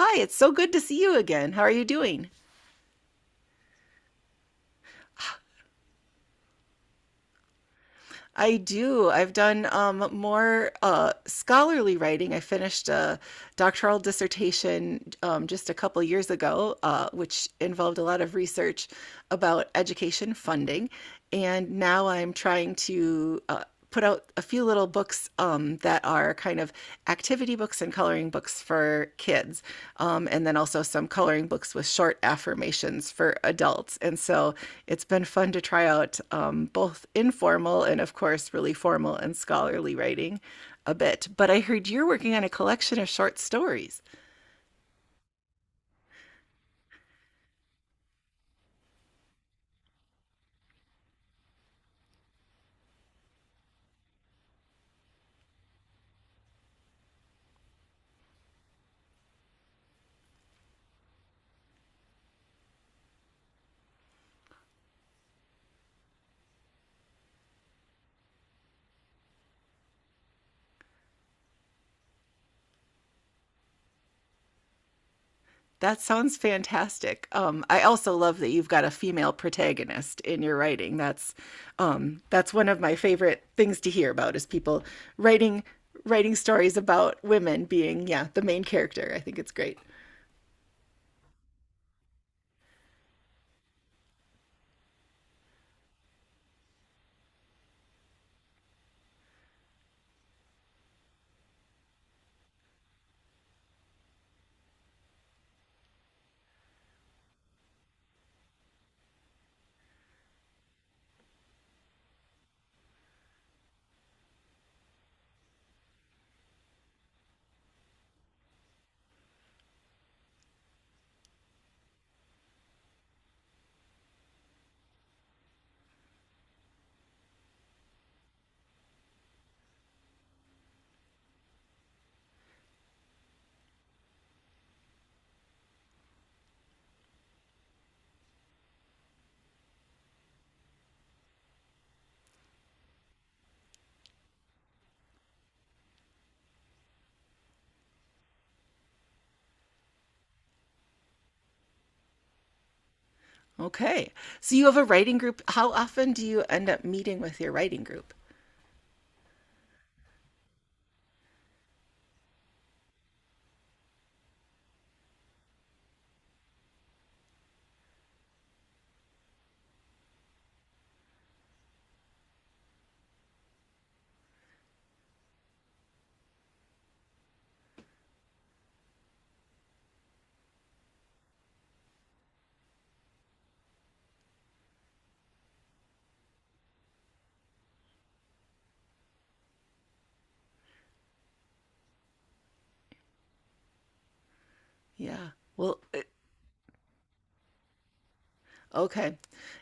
Hi, it's so good to see you again. How are you doing? I do. I've done more scholarly writing. I finished a doctoral dissertation just a couple years ago, which involved a lot of research about education funding. And now I'm trying to put out a few little books that are kind of activity books and coloring books for kids, and then also some coloring books with short affirmations for adults. And so it's been fun to try out both informal and, of course, really formal and scholarly writing a bit. But I heard you're working on a collection of short stories. That sounds fantastic. I also love that you've got a female protagonist in your writing. That's one of my favorite things to hear about is people writing writing stories about women being, yeah, the main character. I think it's great. Okay, so you have a writing group. How often do you end up meeting with your writing group? Yeah. Well, okay.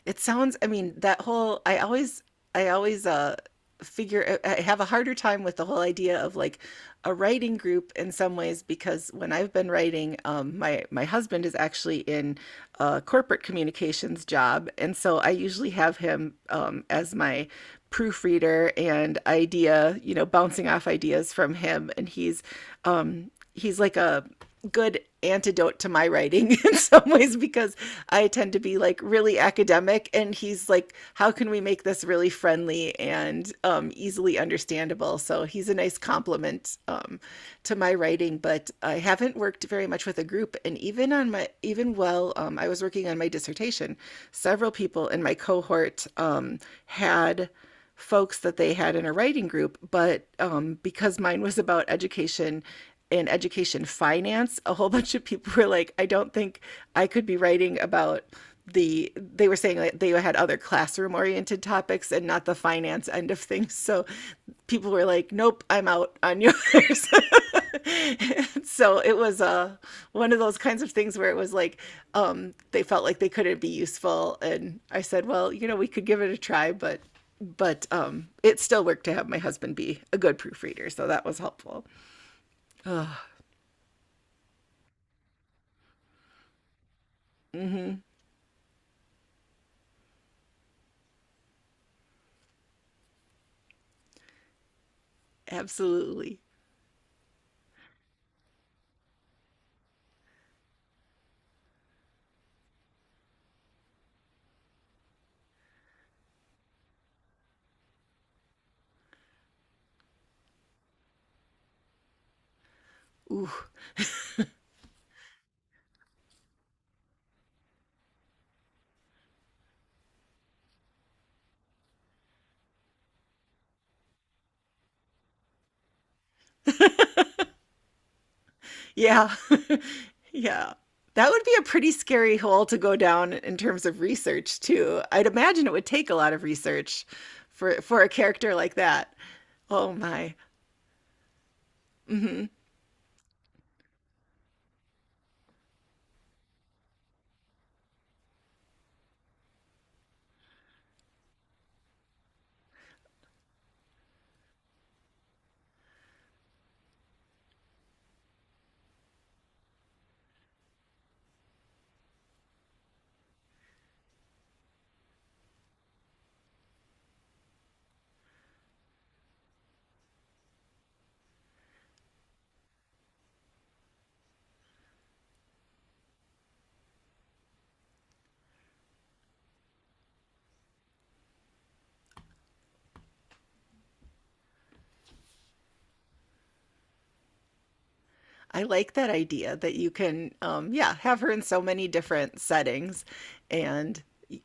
It sounds, I mean, that whole, I always, figure, I have a harder time with the whole idea of like a writing group in some ways because when I've been writing, my husband is actually in a corporate communications job. And so I usually have him, as my proofreader and idea, you know, bouncing off ideas from him. And he's like a, good antidote to my writing in some ways because I tend to be like really academic, and he's like, how can we make this really friendly and easily understandable? So he's a nice compliment to my writing, but I haven't worked very much with a group. And even on my even while I was working on my dissertation, several people in my cohort had folks that they had in a writing group. But because mine was about education and education finance, a whole bunch of people were like, I don't think I could be writing about they were saying that they had other classroom oriented topics and not the finance end of things. So people were like, nope, I'm out on yours. So it was one of those kinds of things where it was like they felt like they couldn't be useful, and I said, well, you know, we could give it a try. But it still worked to have my husband be a good proofreader, so that was helpful. Absolutely. Ooh. Yeah. Yeah, that would be a pretty scary hole to go down in terms of research too. I'd imagine it would take a lot of research for a character like that. Oh my. I like that idea that you can, yeah, have her in so many different settings and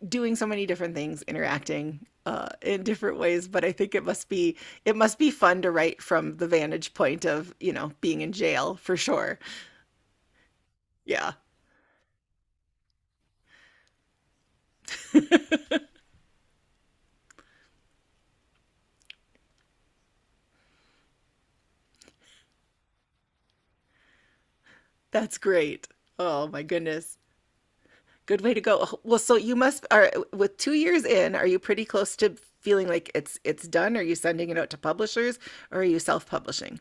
doing so many different things, interacting in different ways. But I think it must be fun to write from the vantage point of, you know, being in jail for sure. Yeah, that's great. Oh my goodness, good way to go. Oh, well, so you must are with 2 years in. Are you pretty close to feeling like it's done? Are you sending it out to publishers, or are you self publishing?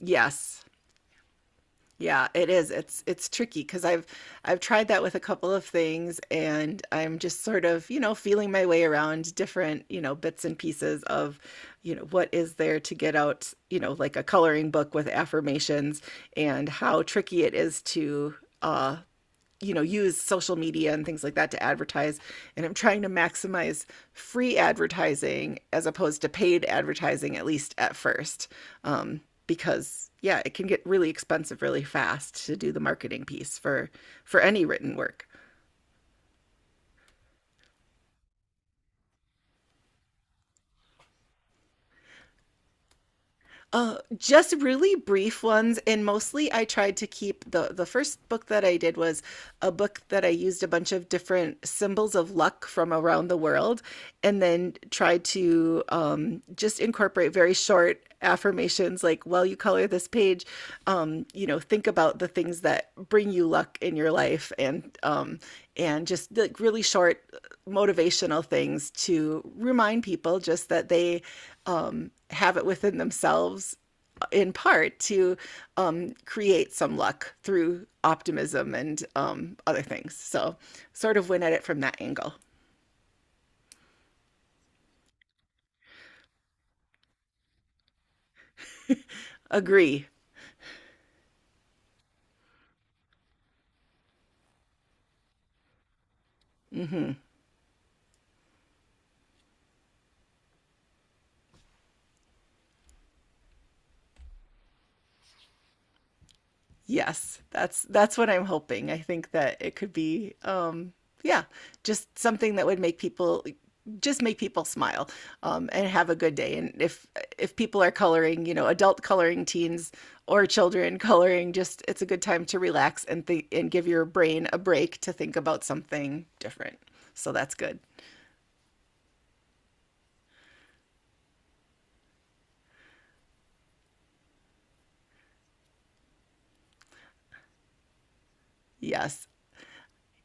Yes. Yeah, it is. It's it's tricky because 'cause I've tried that with a couple of things, and I'm just sort of, you know, feeling my way around different, you know, bits and pieces of, you know, what is there to get out, you know, like a coloring book with affirmations and how tricky it is to uh you know, use social media and things like that to advertise. And I'm trying to maximize free advertising as opposed to paid advertising, at least at first, um, because, yeah, it can get really expensive really fast to do the marketing piece for any written work. Just really brief ones, and mostly I tried to keep the first book that I did was a book that I used a bunch of different symbols of luck from around the world, and then tried to just incorporate very short affirmations like, while you color this page, you know, think about the things that bring you luck in your life. And and just like really short, motivational things to remind people just that they have it within themselves in part to create some luck through optimism and other things. So, sort of win at it from that angle. Agree. Mm-hmm. Yes, that's what I'm hoping. I think that it could be, yeah, just something that would make people just make people smile and have a good day. And if people are coloring, you know, adult coloring teens or children coloring, just it's a good time to relax and think and give your brain a break to think about something different. So that's good. Yes.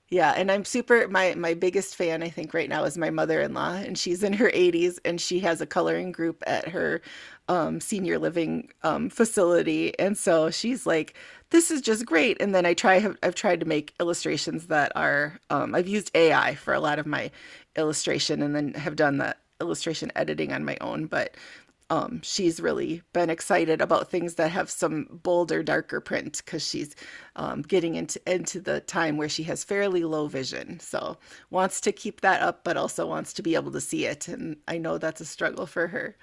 Yeah, and I'm super my my biggest fan I think right now is my mother-in-law, and she's in her 80s, and she has a coloring group at her senior living facility. And so she's like, this is just great. And then I try have, I've tried to make illustrations that are I've used AI for a lot of my illustration, and then have done the illustration editing on my own. But she's really been excited about things that have some bolder, darker print because she's getting into the time where she has fairly low vision. So wants to keep that up, but also wants to be able to see it. And I know that's a struggle for her.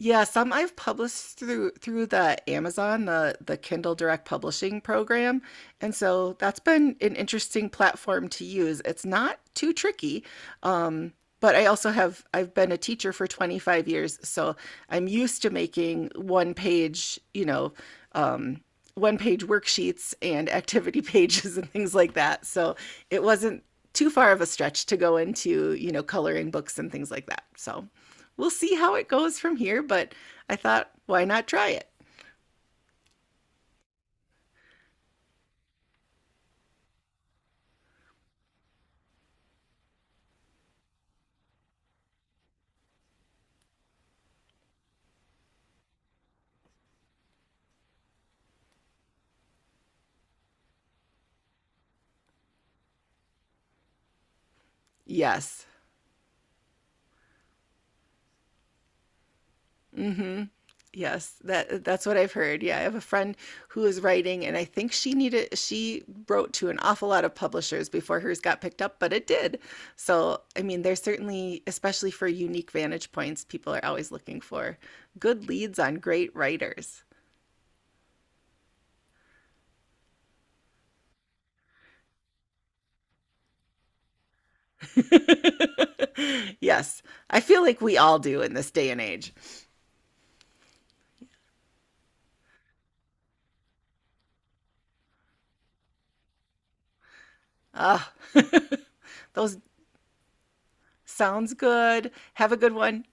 Yeah, some I've published through the Amazon, the Kindle Direct Publishing program, and so that's been an interesting platform to use. It's not too tricky. But I also have I've been a teacher for 25 years, so I'm used to making one page, you know, um, one page worksheets and activity pages and things like that. So it wasn't too far of a stretch to go into, you know, coloring books and things like that. So we'll see how it goes from here, but I thought, why not try it? Yes. Mhm. Yes, that that's what I've heard. Yeah, I have a friend who is writing, and I think she wrote to an awful lot of publishers before hers got picked up, but it did. So, I mean, there's certainly, especially for unique vantage points, people are always looking for good leads on great writers. Yes, I feel like we all do in this day and age. Ah, those sounds good. Have a good one.